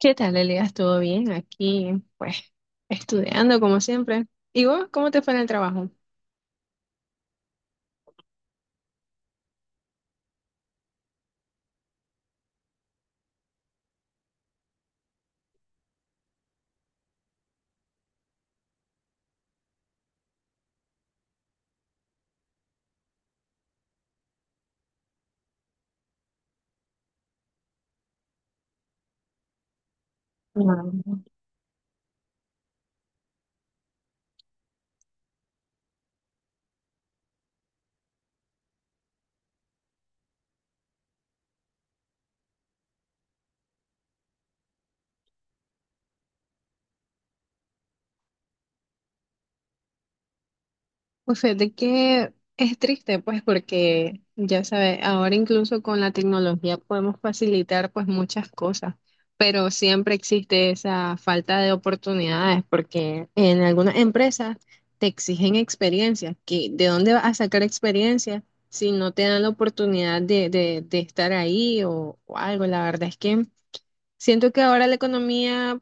¿Qué tal, Elías? ¿Todo bien? Aquí, pues, estudiando como siempre. ¿Y vos, cómo te fue en el trabajo? Mm. Pues fíjate que es triste, pues, porque ya sabes, ahora incluso con la tecnología podemos facilitar, pues, muchas cosas, pero siempre existe esa falta de oportunidades, porque en algunas empresas te exigen experiencia, que ¿de dónde vas a sacar experiencia si no te dan la oportunidad de estar ahí o algo? La verdad es que. Siento que ahora la economía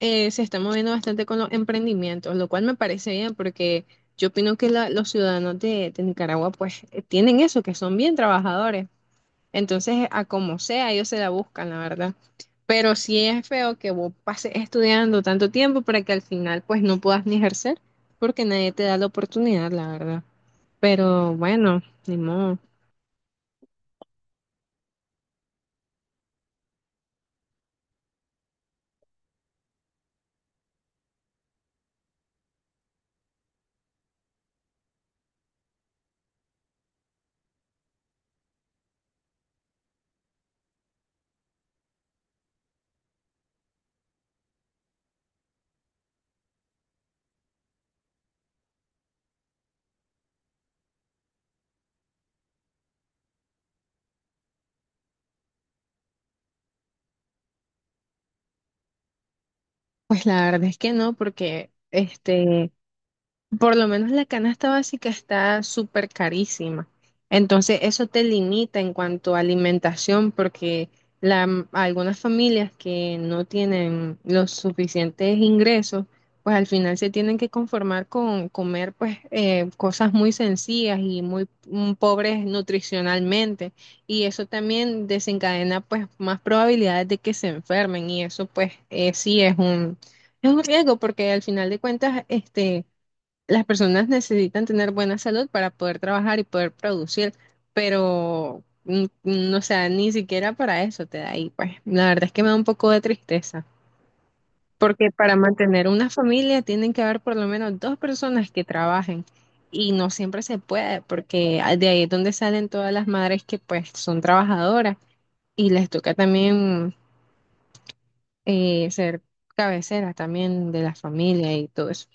se está moviendo bastante con los emprendimientos, lo cual me parece bien porque yo opino que los ciudadanos de Nicaragua pues tienen eso, que son bien trabajadores. Entonces, a como sea, ellos se la buscan, la verdad. Pero sí es feo que vos pases estudiando tanto tiempo para que al final pues no puedas ni ejercer porque nadie te da la oportunidad, la verdad. Pero bueno, ni modo. Pues la verdad es que no, porque este. Por lo menos la canasta básica está súper carísima. Entonces eso te limita en cuanto a alimentación porque algunas familias que no tienen los suficientes ingresos, pues al final se tienen que conformar con comer pues cosas muy sencillas y muy pobres nutricionalmente. Y eso también desencadena pues más probabilidades de que se enfermen y eso pues sí es un riesgo porque al final de cuentas este las personas necesitan tener buena salud para poder trabajar y poder producir, pero o sea, ni siquiera para eso te da ahí, pues. La verdad es que me da un poco de tristeza, porque para mantener una familia tienen que haber por lo menos dos personas que trabajen y no siempre se puede, porque de ahí es donde salen todas las madres que pues son trabajadoras y les toca también ser cabecera también de la familia y todo eso.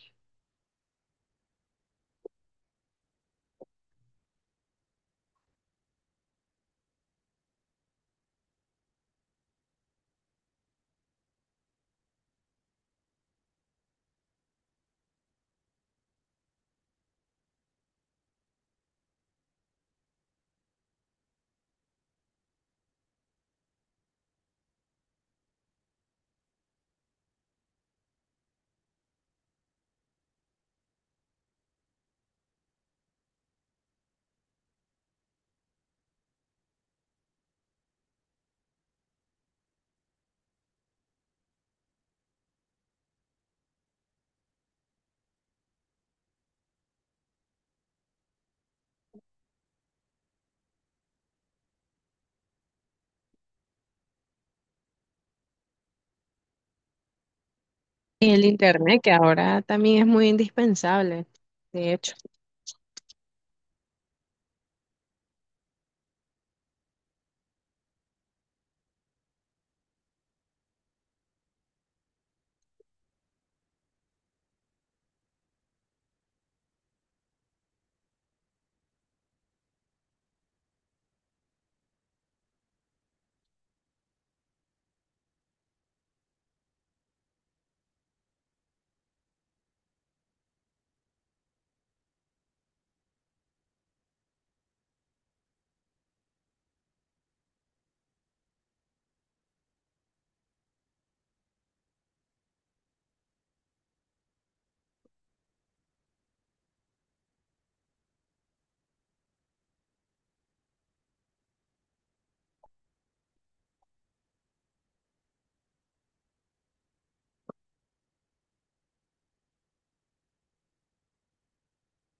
Y el internet, que ahora también es muy indispensable, de hecho.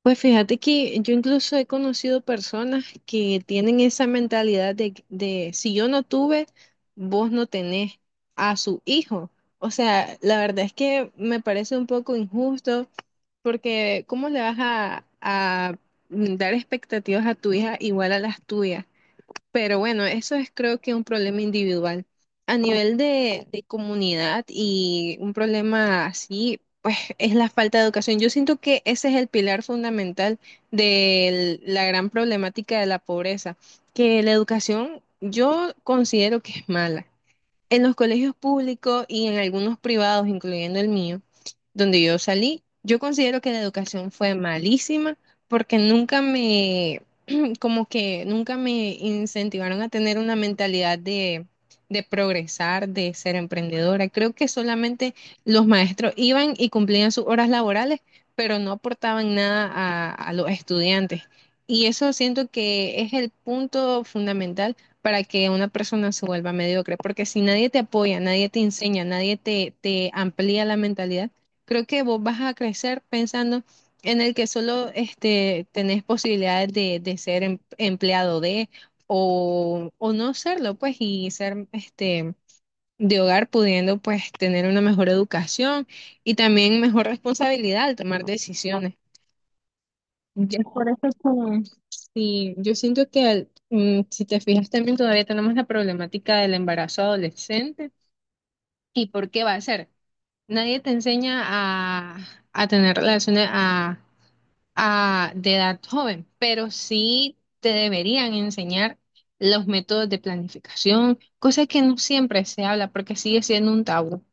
Pues fíjate que yo incluso he conocido personas que tienen esa mentalidad de, si yo no tuve, vos no tenés a su hijo. O sea, la verdad es que me parece un poco injusto porque ¿cómo le vas a dar expectativas a tu hija igual a las tuyas? Pero bueno, eso es creo que un problema individual. A nivel de comunidad y un problema así, pues es la falta de educación. Yo siento que ese es el pilar fundamental de la gran problemática de la pobreza, que la educación yo considero que es mala. En los colegios públicos y en algunos privados, incluyendo el mío, donde yo salí, yo considero que la educación fue malísima porque nunca me, como que nunca me incentivaron a tener una mentalidad de progresar, de ser emprendedora. Creo que solamente los maestros iban y cumplían sus horas laborales, pero no aportaban nada a los estudiantes. Y eso siento que es el punto fundamental para que una persona se vuelva mediocre, porque si nadie te apoya, nadie te enseña, nadie te amplía la mentalidad, creo que vos vas a crecer pensando en el que solo este, tenés posibilidades de ser empleado de o no serlo, pues, y ser este, de hogar pudiendo, pues, tener una mejor educación y también mejor responsabilidad al tomar decisiones. Ya es por eso que sí, yo siento que si te fijas también todavía tenemos la problemática del embarazo adolescente y por qué va a ser. Nadie te enseña a tener relaciones, de edad joven, pero sí te deberían enseñar los métodos de planificación, cosa que no siempre se habla porque sigue siendo un tabú.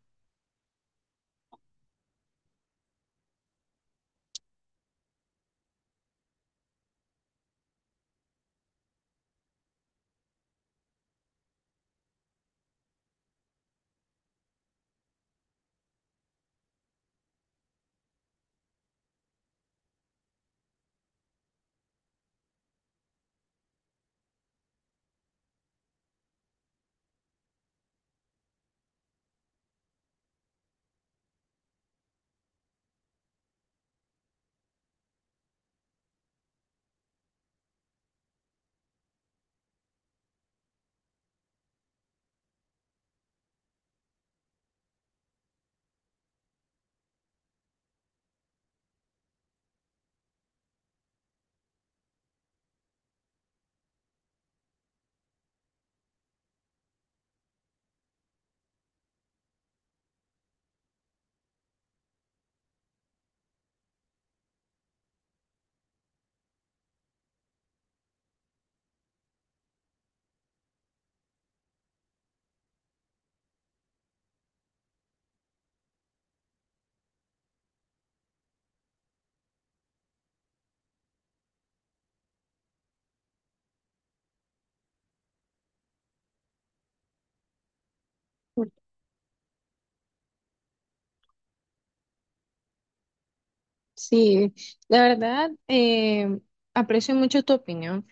Sí, la verdad, aprecio mucho tu opinión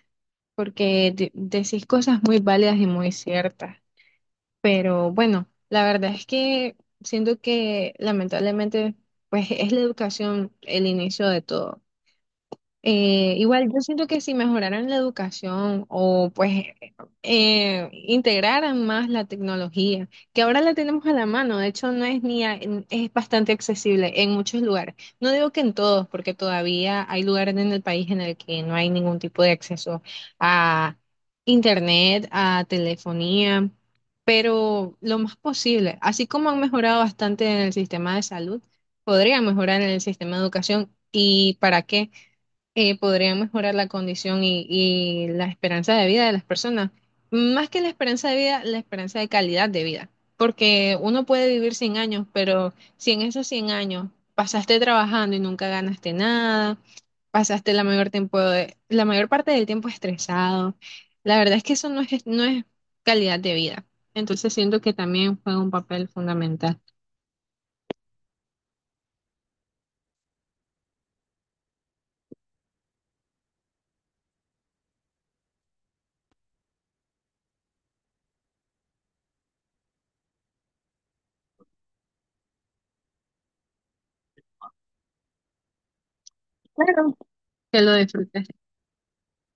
porque decís cosas muy válidas y muy ciertas, pero bueno, la verdad es que siento que lamentablemente pues es la educación el inicio de todo. Igual yo siento que si mejoraran la educación o pues integraran más la tecnología, que ahora la tenemos a la mano, de hecho no es ni es bastante accesible en muchos lugares. No digo que en todos, porque todavía hay lugares en el país en el que no hay ningún tipo de acceso a internet, a telefonía, pero lo más posible, así como han mejorado bastante en el sistema de salud, podrían mejorar en el sistema de educación. ¿Y para qué? Podría mejorar la condición y la esperanza de vida de las personas. Más que la esperanza de vida, la esperanza de calidad de vida. Porque uno puede vivir 100 años, pero si en esos 100 años pasaste trabajando y nunca ganaste nada, pasaste la mayor parte del tiempo estresado, la verdad es que eso no es calidad de vida. Entonces siento que también juega un papel fundamental. Que lo disfrutes.